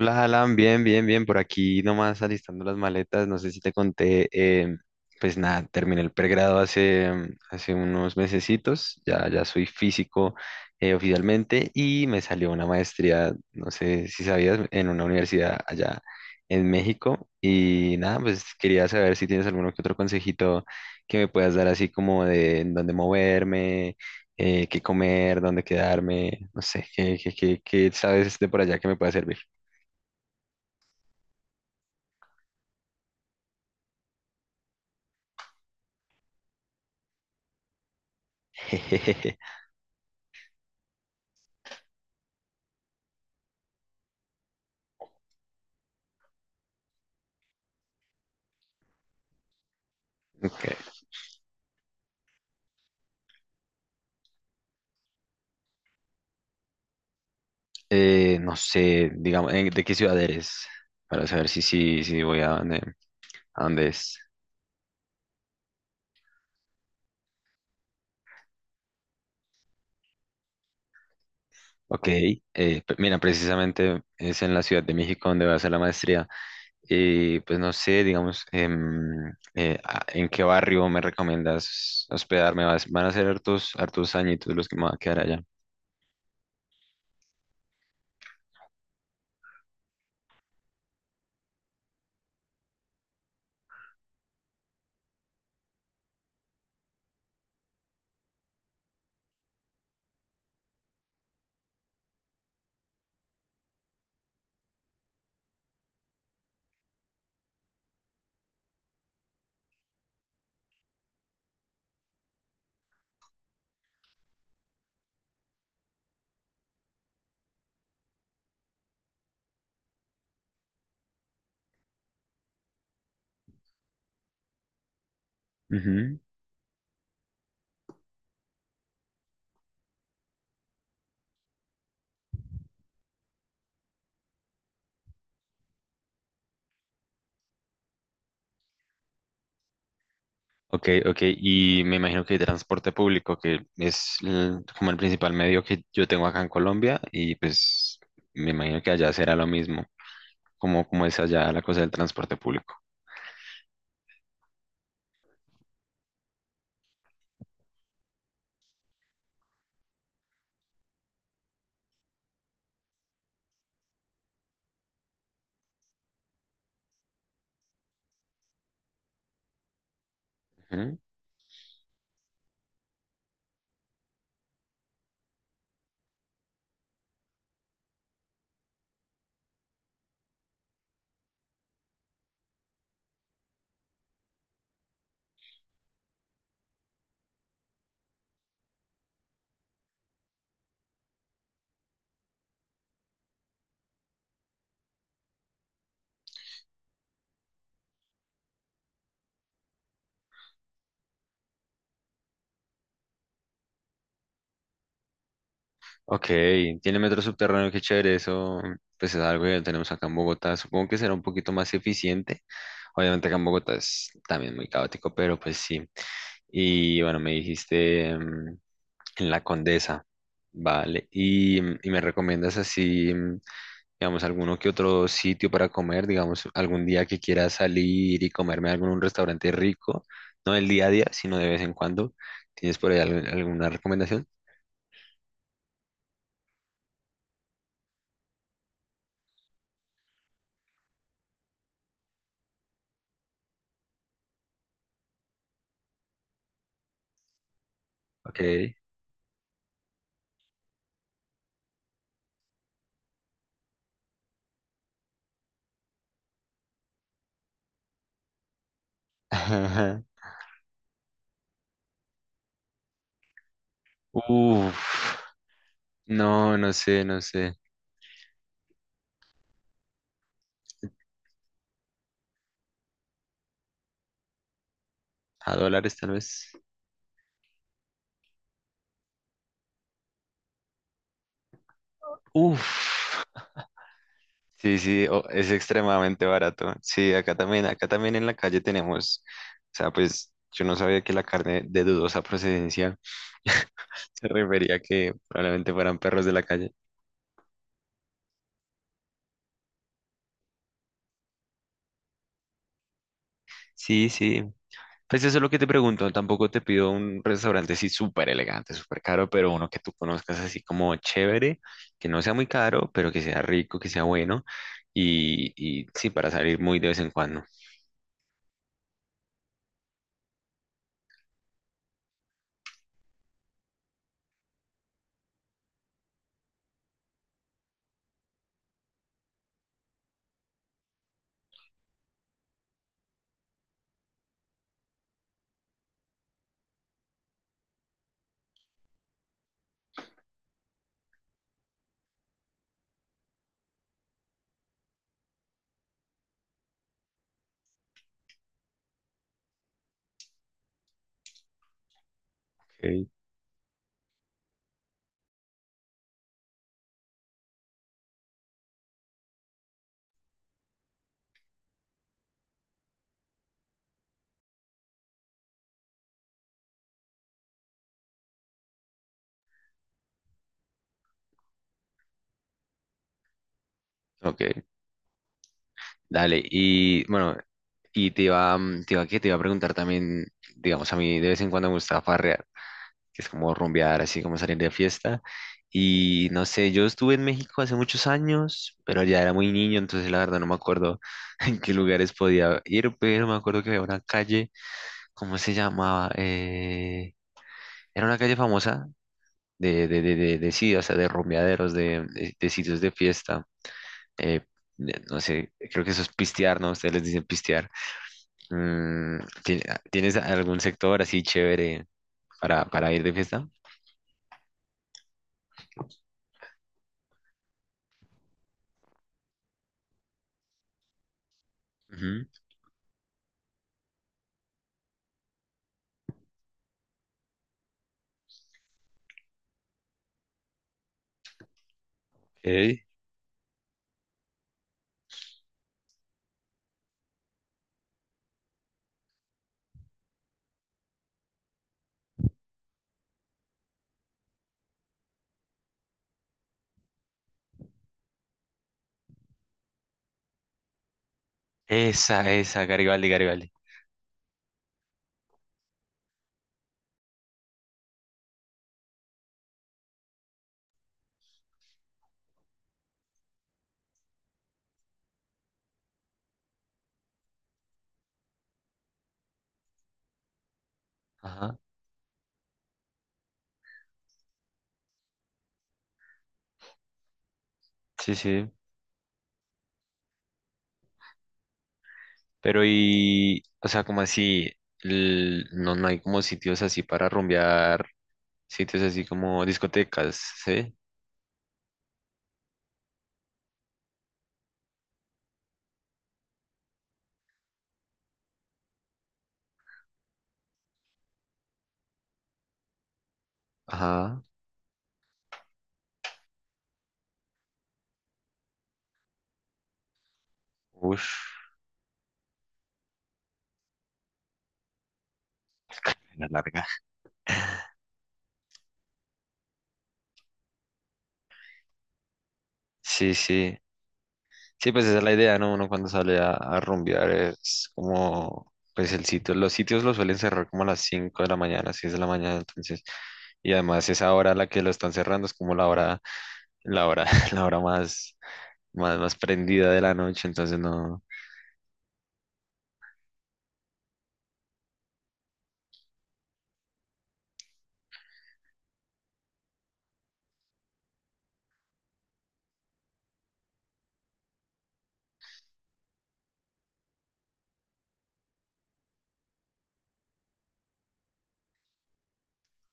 Hola, Alan, bien, bien, bien, por aquí nomás alistando las maletas, no sé si te conté, pues nada, terminé el pregrado hace unos mesecitos, ya soy físico oficialmente y me salió una maestría, no sé si sabías, en una universidad allá en México y nada, pues quería saber si tienes alguno que otro consejito que me puedas dar así como de en dónde moverme, qué comer, dónde quedarme, no sé, qué sabes de por allá que me pueda servir. Jejeje. Ok. No sé, digamos, ¿de qué ciudad eres? Para saber si sí, si, voy a dónde es. Ok, mira, precisamente es en la Ciudad de México donde voy a hacer la maestría. Y pues no sé, digamos, ¿en qué barrio me recomiendas hospedarme? Van a ser hartos, hartos añitos los que me van a quedar allá. Ok, ok, y me imagino que hay transporte público, que es como el principal medio que yo tengo acá en Colombia, y pues me imagino que allá será lo mismo, como es allá la cosa del transporte público. Ujú. Ok, tiene metro subterráneo, qué chévere, eso pues es algo que tenemos acá en Bogotá, supongo que será un poquito más eficiente, obviamente acá en Bogotá es también muy caótico, pero pues sí. Y bueno, me dijiste en La Condesa, vale, y me recomiendas así, digamos, alguno que otro sitio para comer, digamos, algún día que quiera salir y comerme algo en un restaurante rico, no el día a día, sino de vez en cuando. ¿Tienes por ahí alguna recomendación? Ok. Ajá. Uf, no, no sé, no sé. A dólares tal vez. Uf. Sí, sí, es extremadamente barato. Sí, acá también en la calle tenemos, o sea, pues yo no sabía que la carne de dudosa procedencia se refería a que probablemente fueran perros de la calle. Sí, sí. Pues eso es lo que te pregunto. Tampoco te pido un restaurante así súper elegante, súper caro, pero uno que tú conozcas así como chévere, que no sea muy caro, pero que sea rico, que sea bueno. Y, y sí, para salir muy de vez en cuando. Ok. Ok, dale. Y bueno, y te iba, mm, te iba, que te iba a preguntar también, digamos, a mí de vez en cuando me gusta farrear, que es como rumbear, así como salir de fiesta. Y no sé, yo estuve en México hace muchos años, pero ya era muy niño, entonces la verdad no me acuerdo en qué lugares podía ir, pero me acuerdo que había una calle, ¿cómo se llamaba? Era una calle famosa de sí, o sea, de rumbeaderos, de sitios de fiesta. eh, no sé, creo que eso es pistear, ¿no? Ustedes les dicen pistear. Mm, ¿ti- ¿tienes algún sector así chévere para ir de fiesta? Ujú. Esa, Garibaldi, Garibaldi. Ajá, sí, sí. Pero y, o sea, como así, no, no hay como sitios así para rumbear, sitios así como discotecas, ¿sí? Ajá, uff, La larga. Sí, sí. Sí, pues esa es la idea, ¿no? Uno cuando sale a, rumbear es como, pues el sitio, los sitios los suelen cerrar como a las 5 de la mañana, 6 de la mañana, entonces, y además esa hora a la que lo están cerrando es como la hora, la hora más, más, más prendida de la noche, entonces no.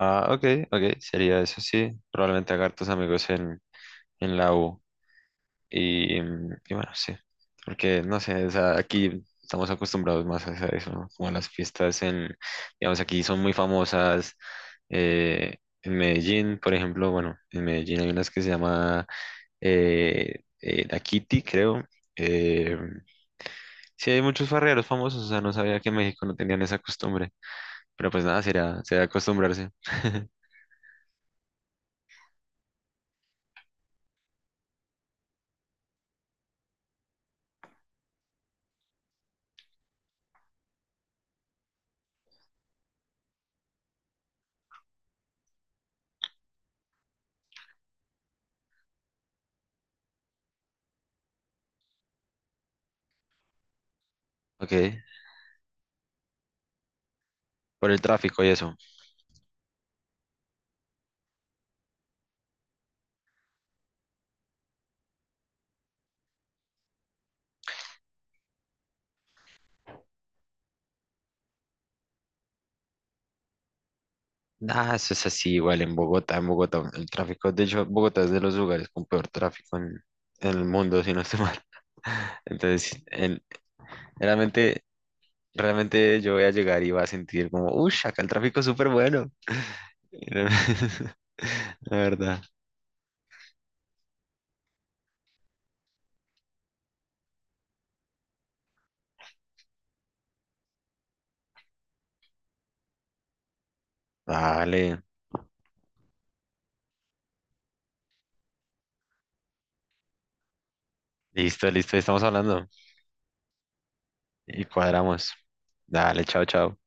Ah, ok, ok, sería eso, sí. Probablemente haga tus amigos en, la U. Y bueno, sí. Porque, no sé, o sea, aquí estamos acostumbrados más a eso, ¿no? Como a las fiestas en, digamos, aquí son muy famosas. eh, en Medellín, por ejemplo, bueno, en Medellín hay unas que se llama La Kitty, creo. Eh, sí, hay muchos farreros famosos, o sea, no sabía que en México no tenían esa costumbre. Pero pues nada, será, será acostumbrarse. Ok, por el tráfico y eso. Ah, eso es así igual en Bogotá, en Bogotá. El tráfico, de hecho, Bogotá es de los lugares con peor tráfico en, el mundo, si no estoy mal. Entonces, realmente, realmente yo voy a llegar y voy a sentir como, uy, acá el tráfico es súper bueno. La verdad. Vale, listo, listo, estamos hablando y cuadramos. Dale, chao, chao.